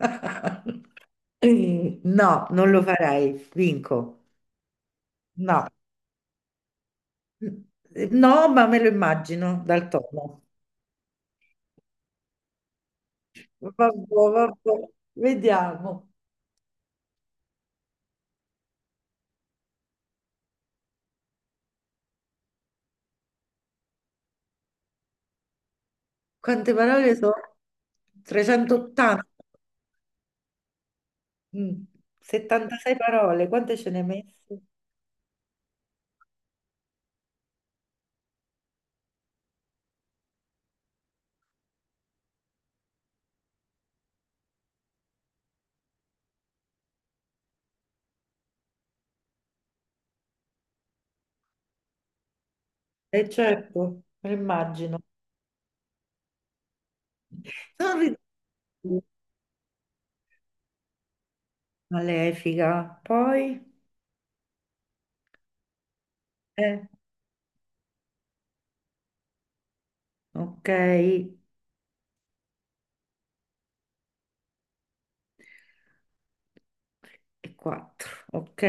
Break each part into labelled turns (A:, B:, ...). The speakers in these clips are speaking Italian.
A: No, non lo farei, vinco. No, no, ma me lo immagino dal tono. Vabbè, vabbè, vediamo. Quante parole sono? 380. Mm, 76 parole, quante ce ne hai messe? Eh certo, me lo immagino. Sono ridicolo, malefica. Poi, eh, ok, e 4, ok.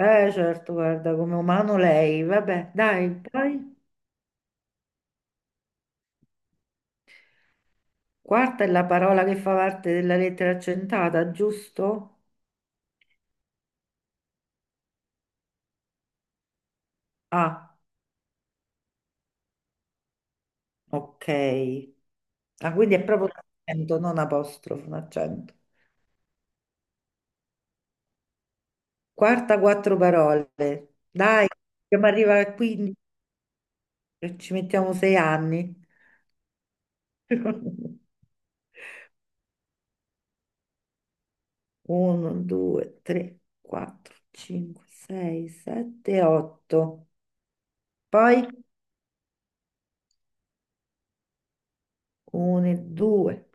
A: Certo, guarda, come umano lei. Vabbè, dai, poi. Quarta è la parola che fa parte della lettera accentata, giusto? Ah, ok. Ah, quindi è proprio un accento, non apostrofo, un accento. Quarta, quattro parole. Dai, dobbiamo arrivare a 15, ci mettiamo 6 anni. 1, 2, 3, 4, 5, 6, 7, 8. Poi 1, 2,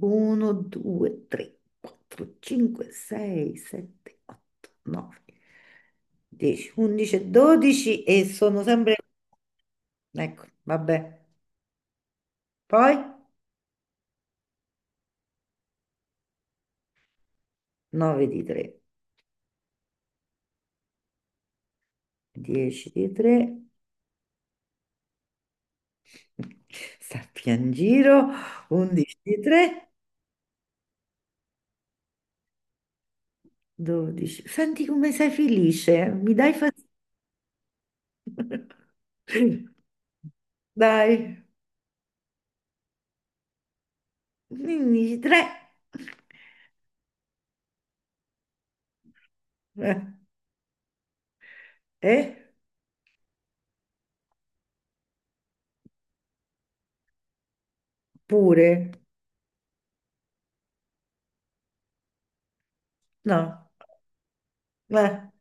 A: 1, 2, 3, 4, 5, 6, 7, 8, 9, 10, 11, 12 e sono sempre... Ecco, vabbè. Poi 9 di 3, 10 di 3, sappi in giro, 11 di 3, 12. Senti come sei felice, mi dai fastidio. Dai, 15 di 3. Eh, eh? Pure? No. Eh.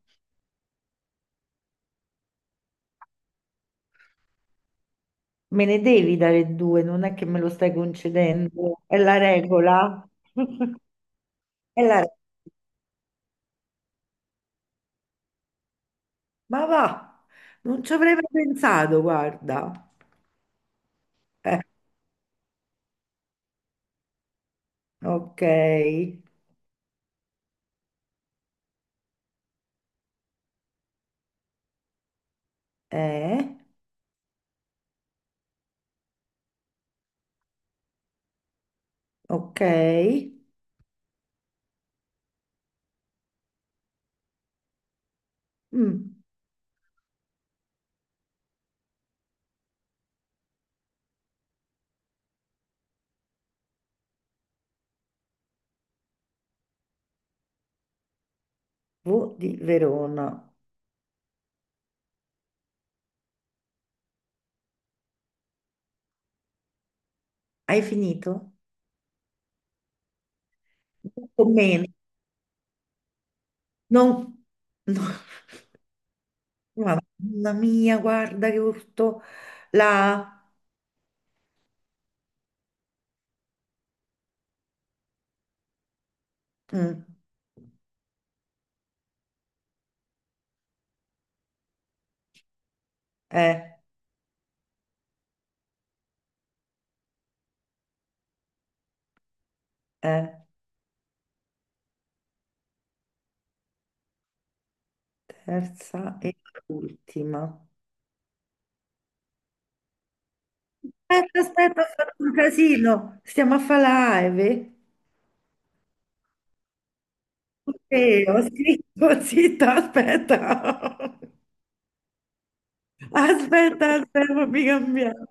A: Me ne devi dare due, non è che me lo stai concedendo, è la regola. È la regola. Ma va, non ci avrei mai pensato, guarda. Eh, ok, eh, ok. Mm, V di Verona. Hai finito? Con meno. Non... No. Mamma mia, guarda che urto. La... mm, eh, eh, Terza e ultima. Aspetta, aspetta, ho fatto un casino. Stiamo a fare live. Ok, ho scritto, zitta, aspetta. Aspetta, aspetta, fammi cambiare.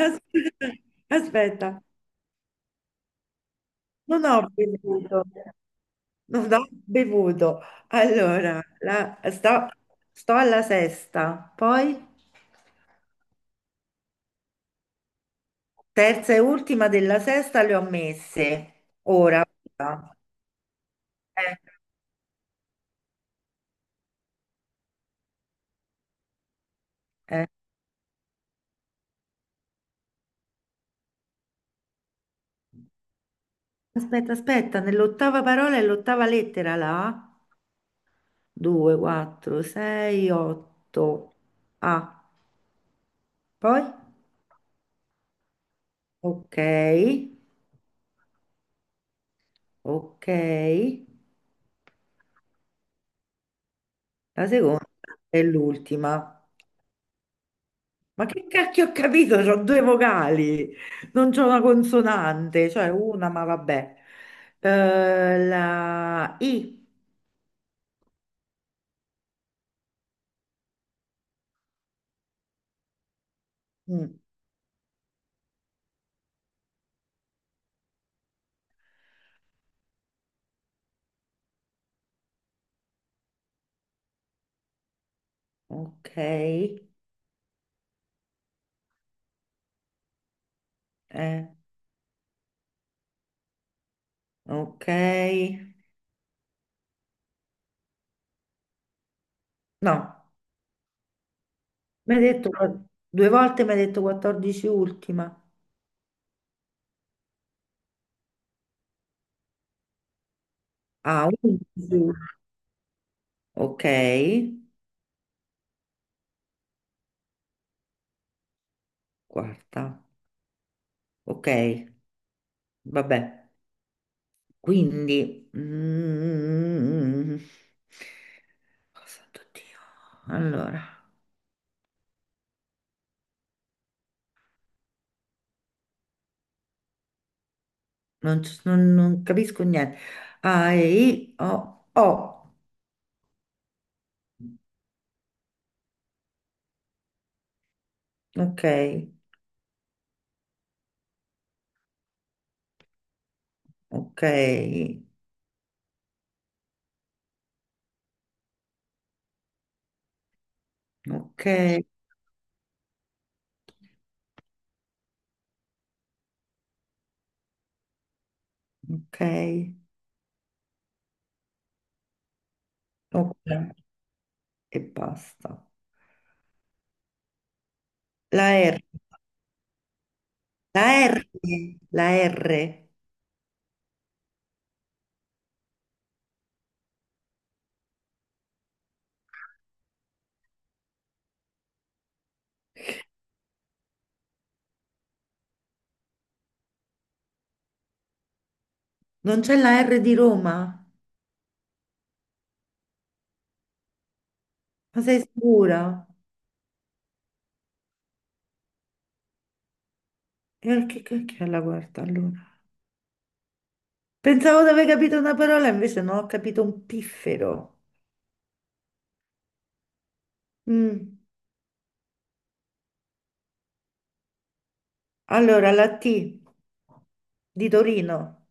A: Aspetta, aspetta. Non ho bevuto. Non ho bevuto. Allora, sto alla sesta, poi terza e ultima della sesta le ho messe. Ora. Eh, eh. Aspetta, aspetta, nell'ottava parola è l'ottava lettera là. 2, 4, 6, 8. Ah, poi? Ok, ok. La seconda è l'ultima. Ma che cacchio ho capito? C'ho due vocali, non c'ho una consonante, cioè una, ma vabbè. La I. Mm, ok, eh, ok. No, mi hai detto due volte, mi hai detto 14 ultima. Ah, 11. Ok. Quarta. Ok, vabbè. Quindi... oh, santo Dio. Allora, non, so- non- non capisco niente. A, E, I, O. Ok, ok, ok, ok, ok. E basta. La R, la R, la R. Non c'è la R di Roma? Ma sei sicura? E perché che è la quarta allora? Pensavo di aver capito una parola, invece no, ho capito un piffero. Mm. Allora, la T di Torino.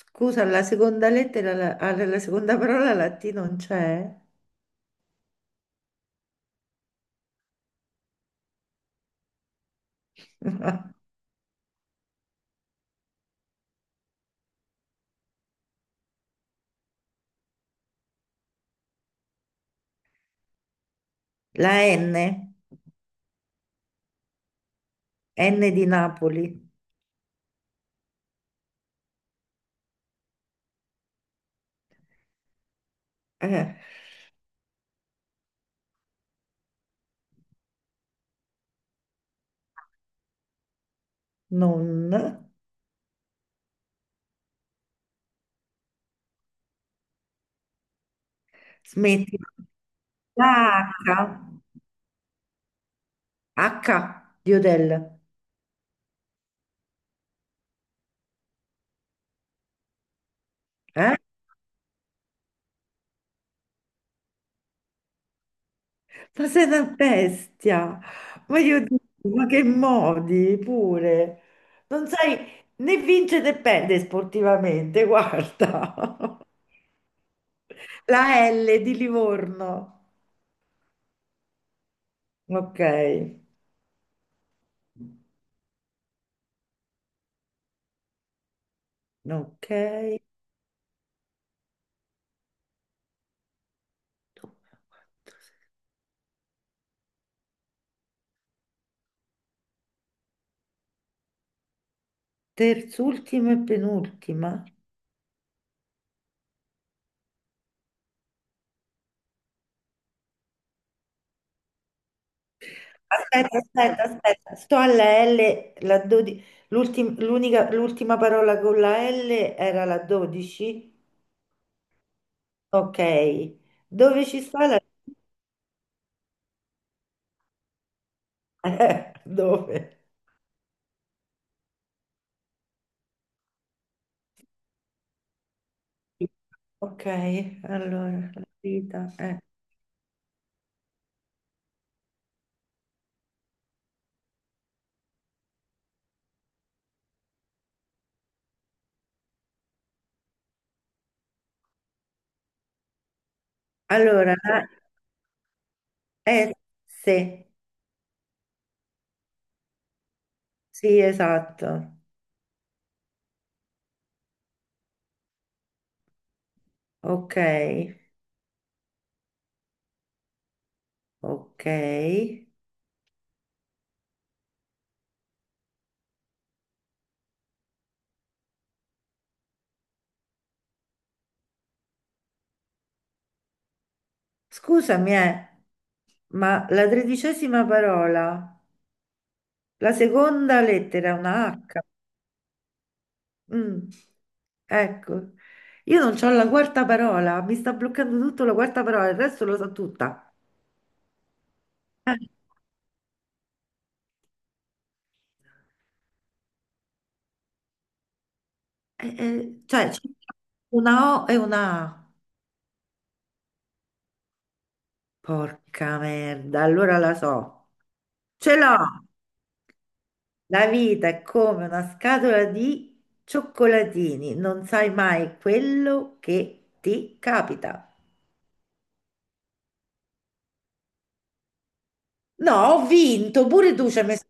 A: Scusa, la seconda lettera, la seconda parola, la T non c'è. La N, N di Napoli. Eh, non. Smetti. La H, H di Hotel. Eh? Ma sei una bestia! Ma io dico, ma che modi pure! Non sai né vincere né perdere sportivamente, guarda! La L di Livorno. Ok, ok. Due, quattro, terz'ultima e penultima. Aspetta, aspetta, aspetta. Sto alla L, la 12 l'ultima parola con la L era la 12. Ok. Dove ci sta la dove? Ok, allora, la vita, eh. Allora, la eh, sì, sì, esatto. Ok, ok. Scusami, ma la 13ª parola, la seconda lettera è una H. Mm, ecco, io non c'ho la quarta parola, mi sta bloccando tutto la quarta parola, il resto lo so tutta. Eh, cioè, c'è una O e una A. Porca merda, allora la so. Ce l'ho! La vita è come una scatola di cioccolatini, non sai mai quello che ti capita. No, ho vinto, pure tu ci hai messo...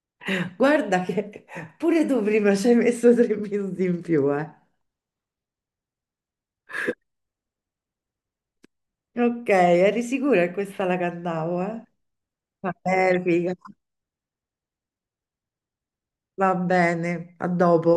A: Guarda che pure tu prima ci hai messo 3 minuti in più, eh. Ok, eri sicura che questa la cantavo, eh? Vabbè, figa. Va bene, a dopo.